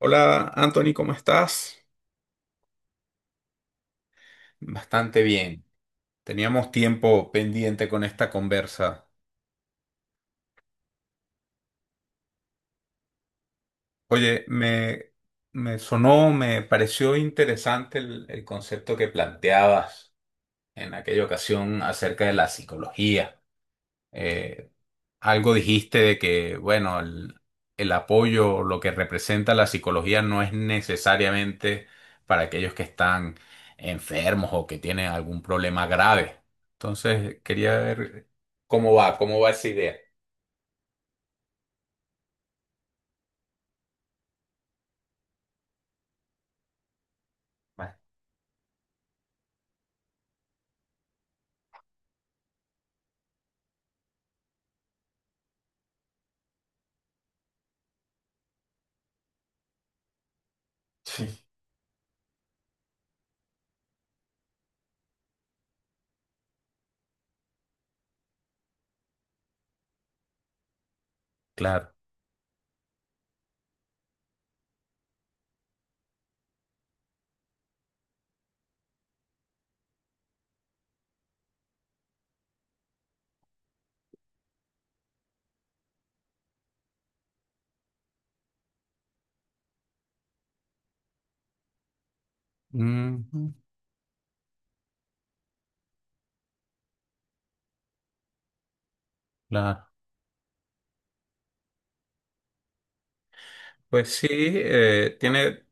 Hola Anthony, ¿cómo estás? Bastante bien. Teníamos tiempo pendiente con esta conversa. Oye, me sonó, me pareció interesante el concepto que planteabas en aquella ocasión acerca de la psicología. eh, Algo dijiste de que, bueno, el apoyo, lo que representa la psicología no es necesariamente para aquellos que están enfermos o que tienen algún problema grave. Entonces, quería ver cómo va esa idea. Va. Sí. Claro. Ujú, claro. Pues sí, tiene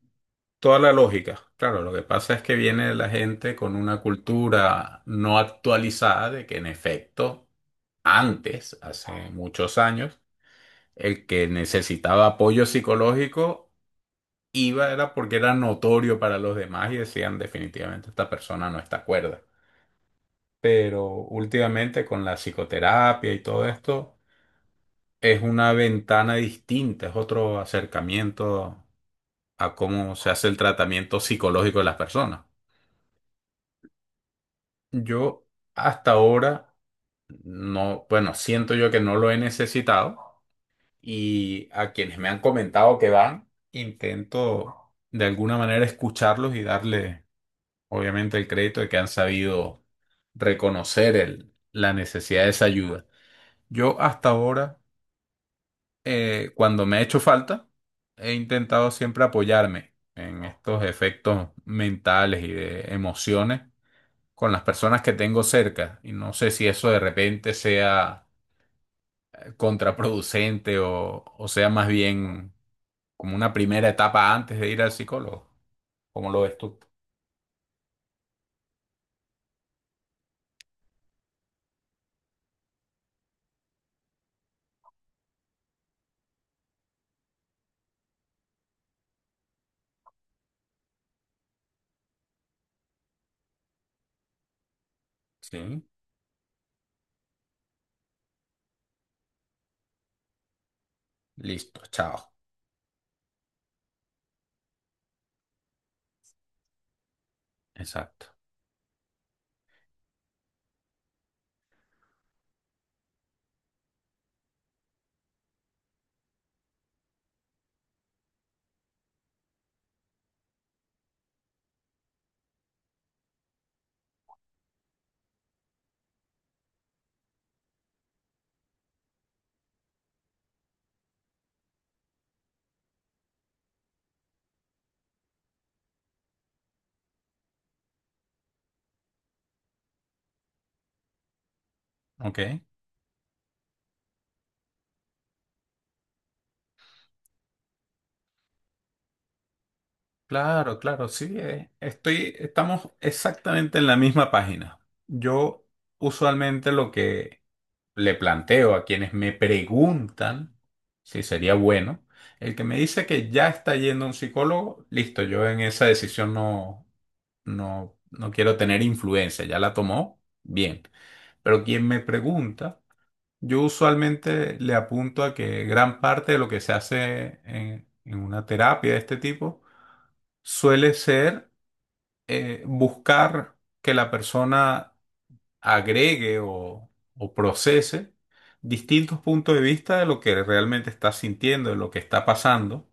toda la lógica. Claro, lo que pasa es que viene la gente con una cultura no actualizada de que en efecto. Antes, hace muchos años, el que necesitaba apoyo psicológico iba era porque era notorio para los demás y decían definitivamente esta persona no está cuerda. Pero últimamente con la psicoterapia y todo esto es una ventana distinta, es otro acercamiento a cómo se hace el tratamiento psicológico de las personas. Yo hasta ahora no, bueno, siento yo que no lo he necesitado, y a quienes me han comentado que van, intento de alguna manera escucharlos y darle, obviamente, el crédito de que han sabido reconocer la necesidad de esa ayuda. Yo hasta ahora, cuando me ha hecho falta, he intentado siempre apoyarme en estos efectos mentales y de emociones con las personas que tengo cerca. Y no sé si eso de repente sea contraproducente o sea más bien como una primera etapa antes de ir al psicólogo. ¿Cómo lo ves tú? Sí, listo, chao. Exacto. Ok. Claro, claro, sí. Estoy, estamos exactamente en la misma página. Yo usualmente lo que le planteo a quienes me preguntan si sería bueno, el que me dice que ya está yendo a un psicólogo, listo, yo en esa decisión no quiero tener influencia, ya la tomó, bien. Pero quien me pregunta, yo usualmente le apunto a que gran parte de lo que se hace en una terapia de este tipo suele ser, buscar que la persona agregue o procese distintos puntos de vista de lo que realmente está sintiendo, de lo que está pasando.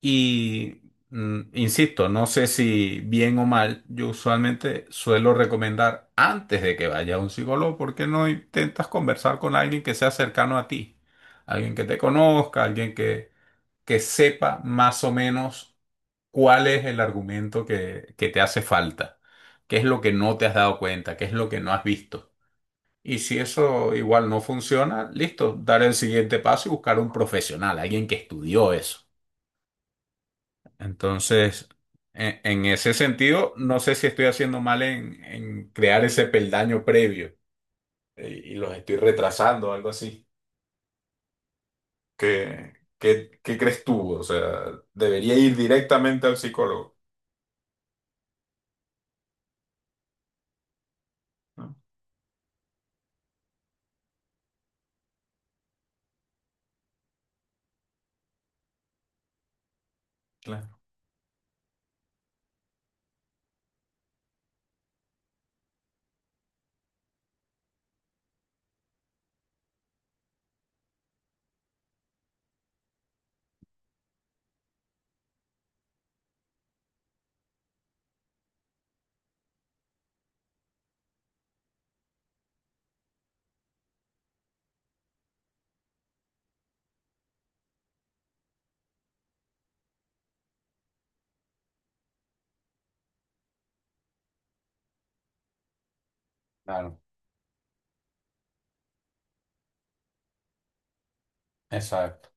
Y insisto, no sé si bien o mal, yo usualmente suelo recomendar antes de que vaya a un psicólogo, ¿porque no intentas conversar con alguien que sea cercano a ti? Alguien que te conozca, que sepa más o menos cuál es el argumento que te hace falta, qué es lo que no te has dado cuenta, qué es lo que no has visto. Y si eso igual no funciona, listo, dar el siguiente paso y buscar un profesional, alguien que estudió eso. Entonces, en ese sentido, no sé si estoy haciendo mal en crear ese peldaño previo, y los estoy retrasando algo así. ¿ qué crees tú? O sea, debería ir directamente al psicólogo, ¿no? Claro. Claro, exacto,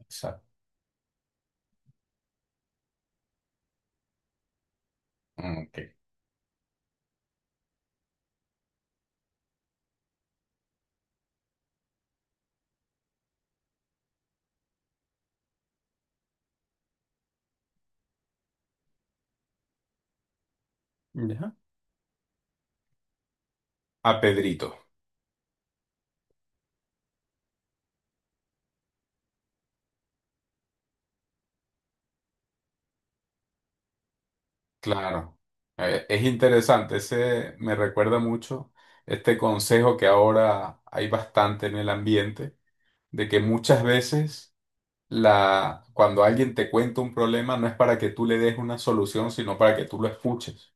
exacto. Ok. Ya. A Pedrito, claro. Es interesante, ese me recuerda mucho este consejo que ahora hay bastante en el ambiente, de que muchas veces cuando alguien te cuenta un problema, no es para que tú le des una solución, sino para que tú lo escuches.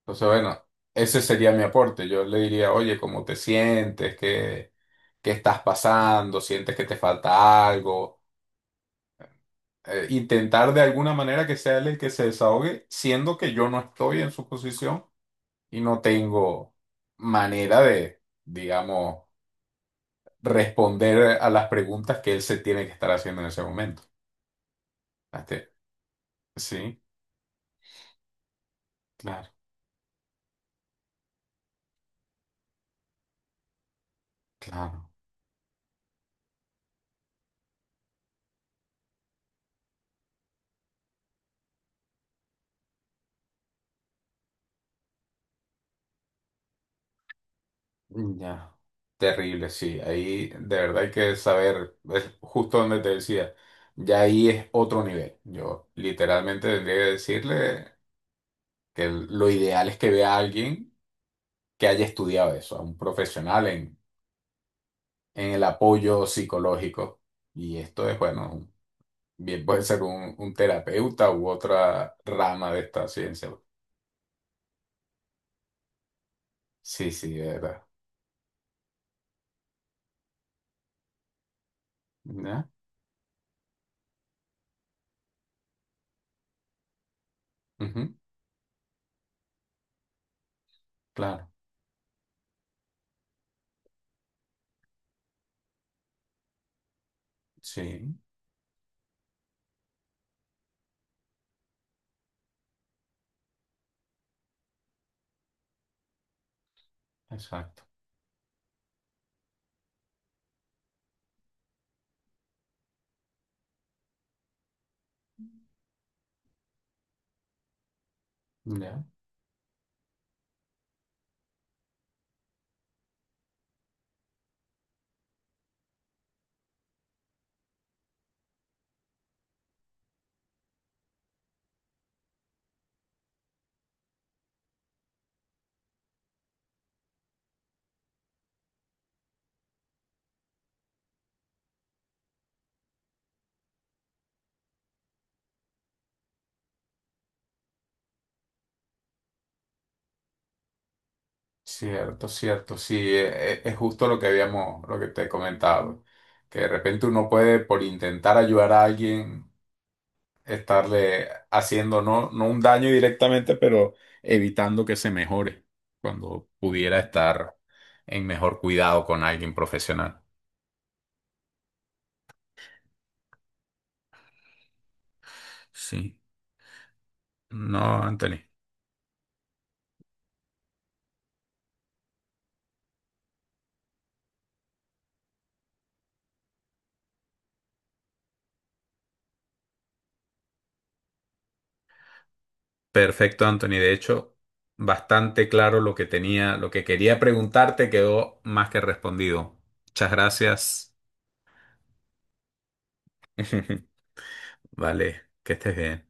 Entonces, bueno, ese sería mi aporte. Yo le diría, oye, ¿cómo te sientes? Qué estás pasando? ¿Sientes que te falta algo? Intentar de alguna manera que sea él el que se desahogue, siendo que yo no estoy en su posición y no tengo manera de, digamos, responder a las preguntas que él se tiene que estar haciendo en ese momento. Hasta- Sí, claro, claro. Ya. Terrible, sí. Ahí de verdad hay que saber, es justo donde te decía, ya ahí es otro nivel. Yo literalmente tendría que decirle que lo ideal es que vea a alguien que haya estudiado eso, a un profesional en el apoyo psicológico. Y esto es, bueno, un- bien puede ser un terapeuta u otra rama de esta ciencia. Sí, sí, de verdad. ¿Ya? Ujú, claro, sí, exacto. ¿Ya? Cierto, cierto, sí, e- e- es justo lo que habíamos, lo que te he comentado, que de repente uno puede, por intentar ayudar a alguien, estarle haciendo no, no un daño directamente, pero evitando que se mejore cuando pudiera estar en mejor cuidado con alguien profesional. Sí, no, Anthony. Perfecto, Anthony. De hecho, bastante claro lo que tenía, lo que quería preguntarte quedó más que respondido. Muchas gracias. Vale, que estés bien.